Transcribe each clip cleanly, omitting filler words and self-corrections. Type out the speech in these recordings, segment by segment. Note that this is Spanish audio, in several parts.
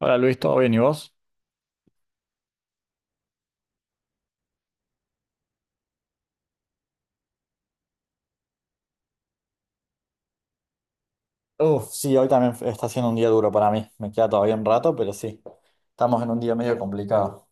Hola Luis, ¿todo bien y vos? Sí, hoy también está siendo un día duro para mí. Me queda todavía un rato, pero sí, estamos en un día medio complicado.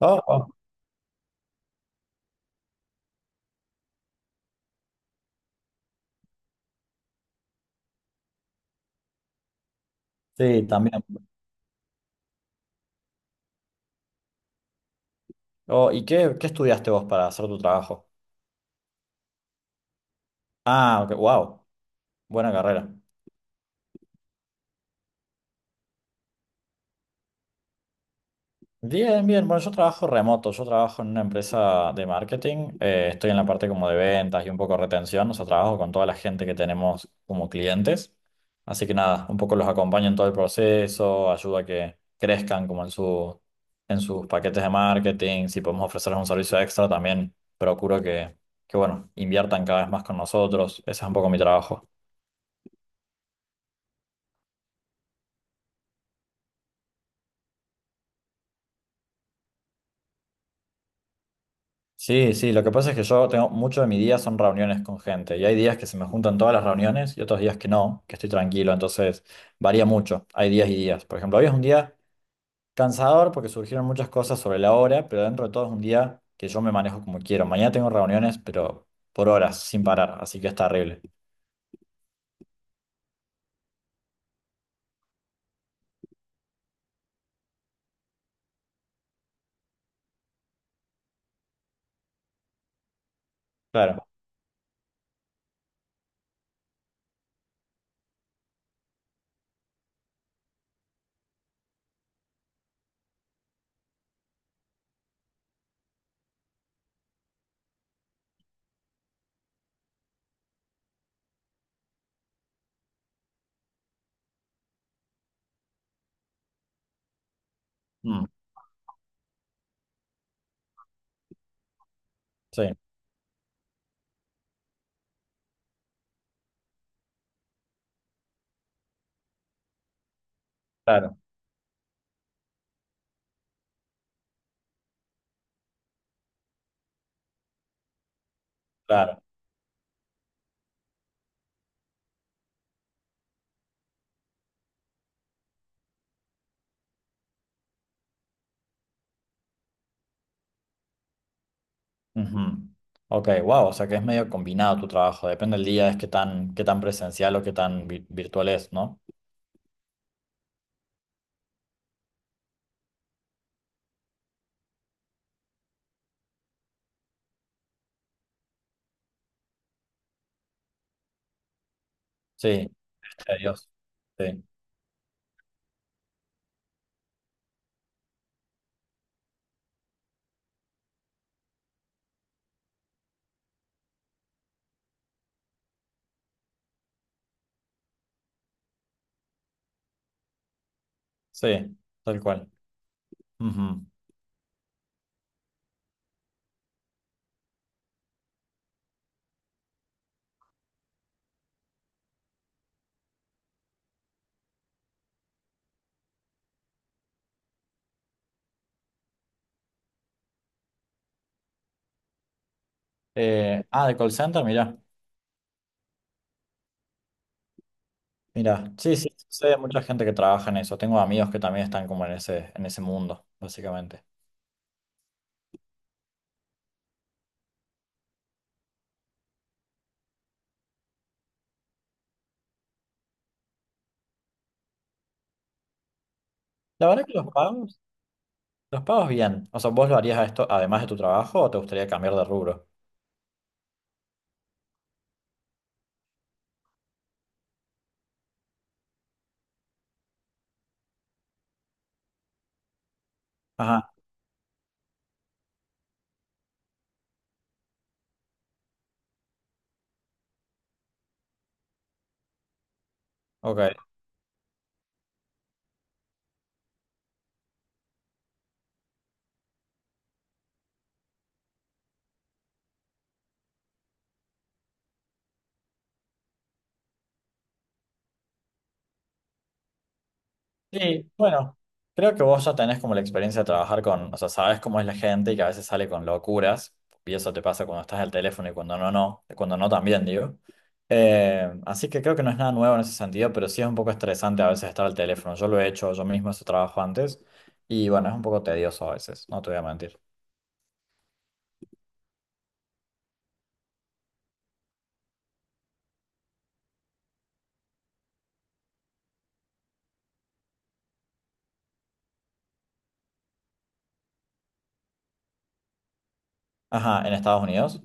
Oh, oh, sí, también. Oh, ¿y qué estudiaste vos para hacer tu trabajo? Ah, ok, wow, buena carrera. Bien, bien. Bueno, yo trabajo remoto, yo trabajo en una empresa de marketing, estoy en la parte como de ventas y un poco retención, o sea, trabajo con toda la gente que tenemos como clientes. Así que nada, un poco los acompaño en todo el proceso, ayudo a que crezcan como en en sus paquetes de marketing, si podemos ofrecerles un servicio extra, también procuro que bueno, inviertan cada vez más con nosotros. Ese es un poco mi trabajo. Sí, sí, lo que pasa es que yo tengo mucho de mi día son reuniones con gente y hay días que se me juntan todas las reuniones y otros días que no, que estoy tranquilo, entonces varía mucho, hay días y días. Por ejemplo, hoy es un día cansador porque surgieron muchas cosas sobre la hora, pero dentro de todo es un día que yo me manejo como quiero. Mañana tengo reuniones, pero por horas, sin parar, así que está horrible. Claro, mm, sí, claro, claro. Ujú. Ok, wow, o sea que es medio combinado tu trabajo, depende del día, es qué tan presencial o qué tan vi- virtual es, ¿no? Sí. A Dios. Sí, sí, tal cual. Ujú. Ah, de call center, mirá. Mira, sí, sí, sé de mucha gente que trabaja en eso. Tengo amigos que también están como en en ese mundo, básicamente. La verdad que los pagos bien. O sea, ¿vos lo harías a esto además de tu trabajo o te gustaría cambiar de rubro? Ajá, ok. Sí, bueno, creo que vos ya tenés como la experiencia de trabajar con, o sea, sabes cómo es la gente y que a veces sale con locuras, y eso te pasa cuando estás al teléfono y cuando no, cuando no también, digo. Así que creo que no es nada nuevo en ese sentido, pero sí es un poco estresante a veces estar al teléfono. Yo lo he hecho yo mismo ese trabajo antes y bueno, es un poco tedioso a veces, no te voy a mentir. Ajá, en Estados Unidos.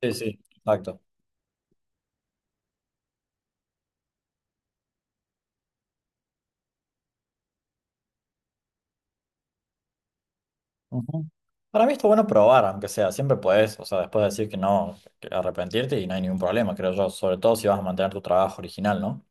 Sí, sí, exacto. Ujú. Para mí está bueno probar, aunque sea, siempre puedes, o sea, después decir que no, que arrepentirte y no hay ningún problema, creo yo, sobre todo si vas a mantener tu trabajo original, ¿no?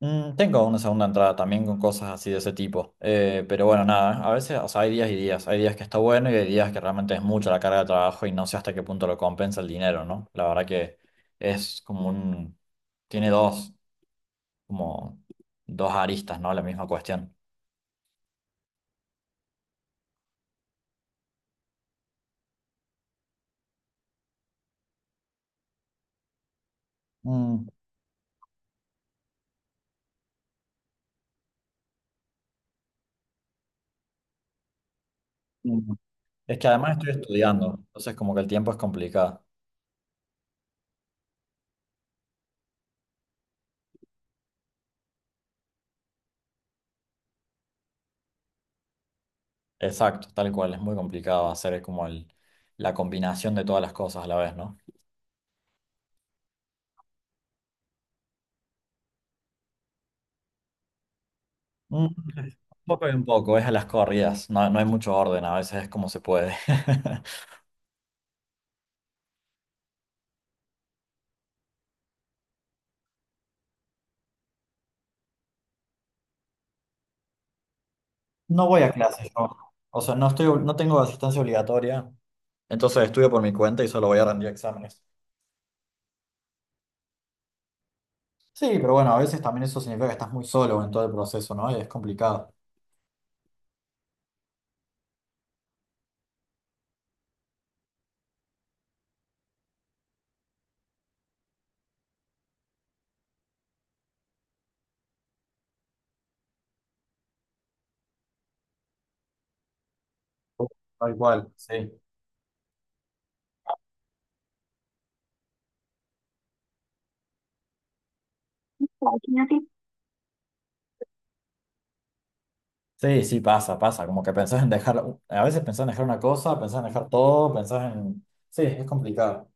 Mm, tengo una segunda entrada también con cosas así de ese tipo, pero bueno, nada, a veces, o sea, hay días y días, hay días que está bueno y hay días que realmente es mucha la carga de trabajo y no sé hasta qué punto lo compensa el dinero, ¿no? La verdad que es como un, tiene dos. Como dos aristas, ¿no? La misma cuestión. Mm, mm. Es que además estoy estudiando, entonces como que el tiempo es complicado. Exacto, tal cual, es muy complicado hacer la combinación de todas las cosas a la vez, ¿no? Mm, un poco y un poco, es a las corridas, no, no hay mucho orden, a veces es como se puede. No voy a clases yo, o sea, no tengo asistencia obligatoria, entonces estudio por mi cuenta y solo voy a rendir exámenes. Sí, pero bueno, a veces también eso significa que estás muy solo en todo el proceso, ¿no? Y es complicado. Tal cual, sí. Sí, sí, pasa, pasa. Como que pensás en dejar, a veces pensás en dejar una cosa, pensás en dejar todo, pensás en... Sí, es complicado.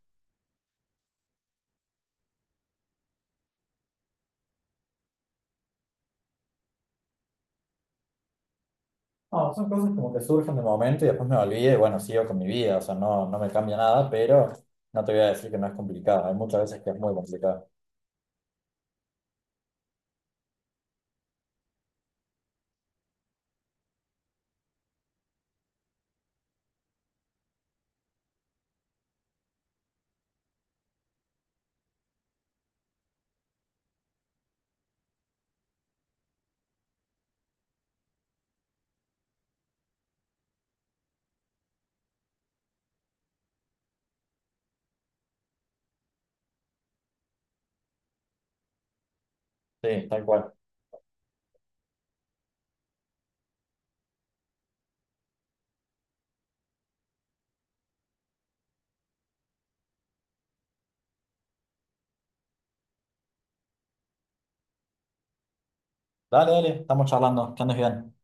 No, son cosas como que surgen de momento y después me olvidé y bueno, sigo con mi vida, o sea, no, no me cambia nada, pero no te voy a decir que no es complicado. Hay muchas veces que es muy complicado. Sí, tal cual. Dale, dale, estamos charlando, que andes bien.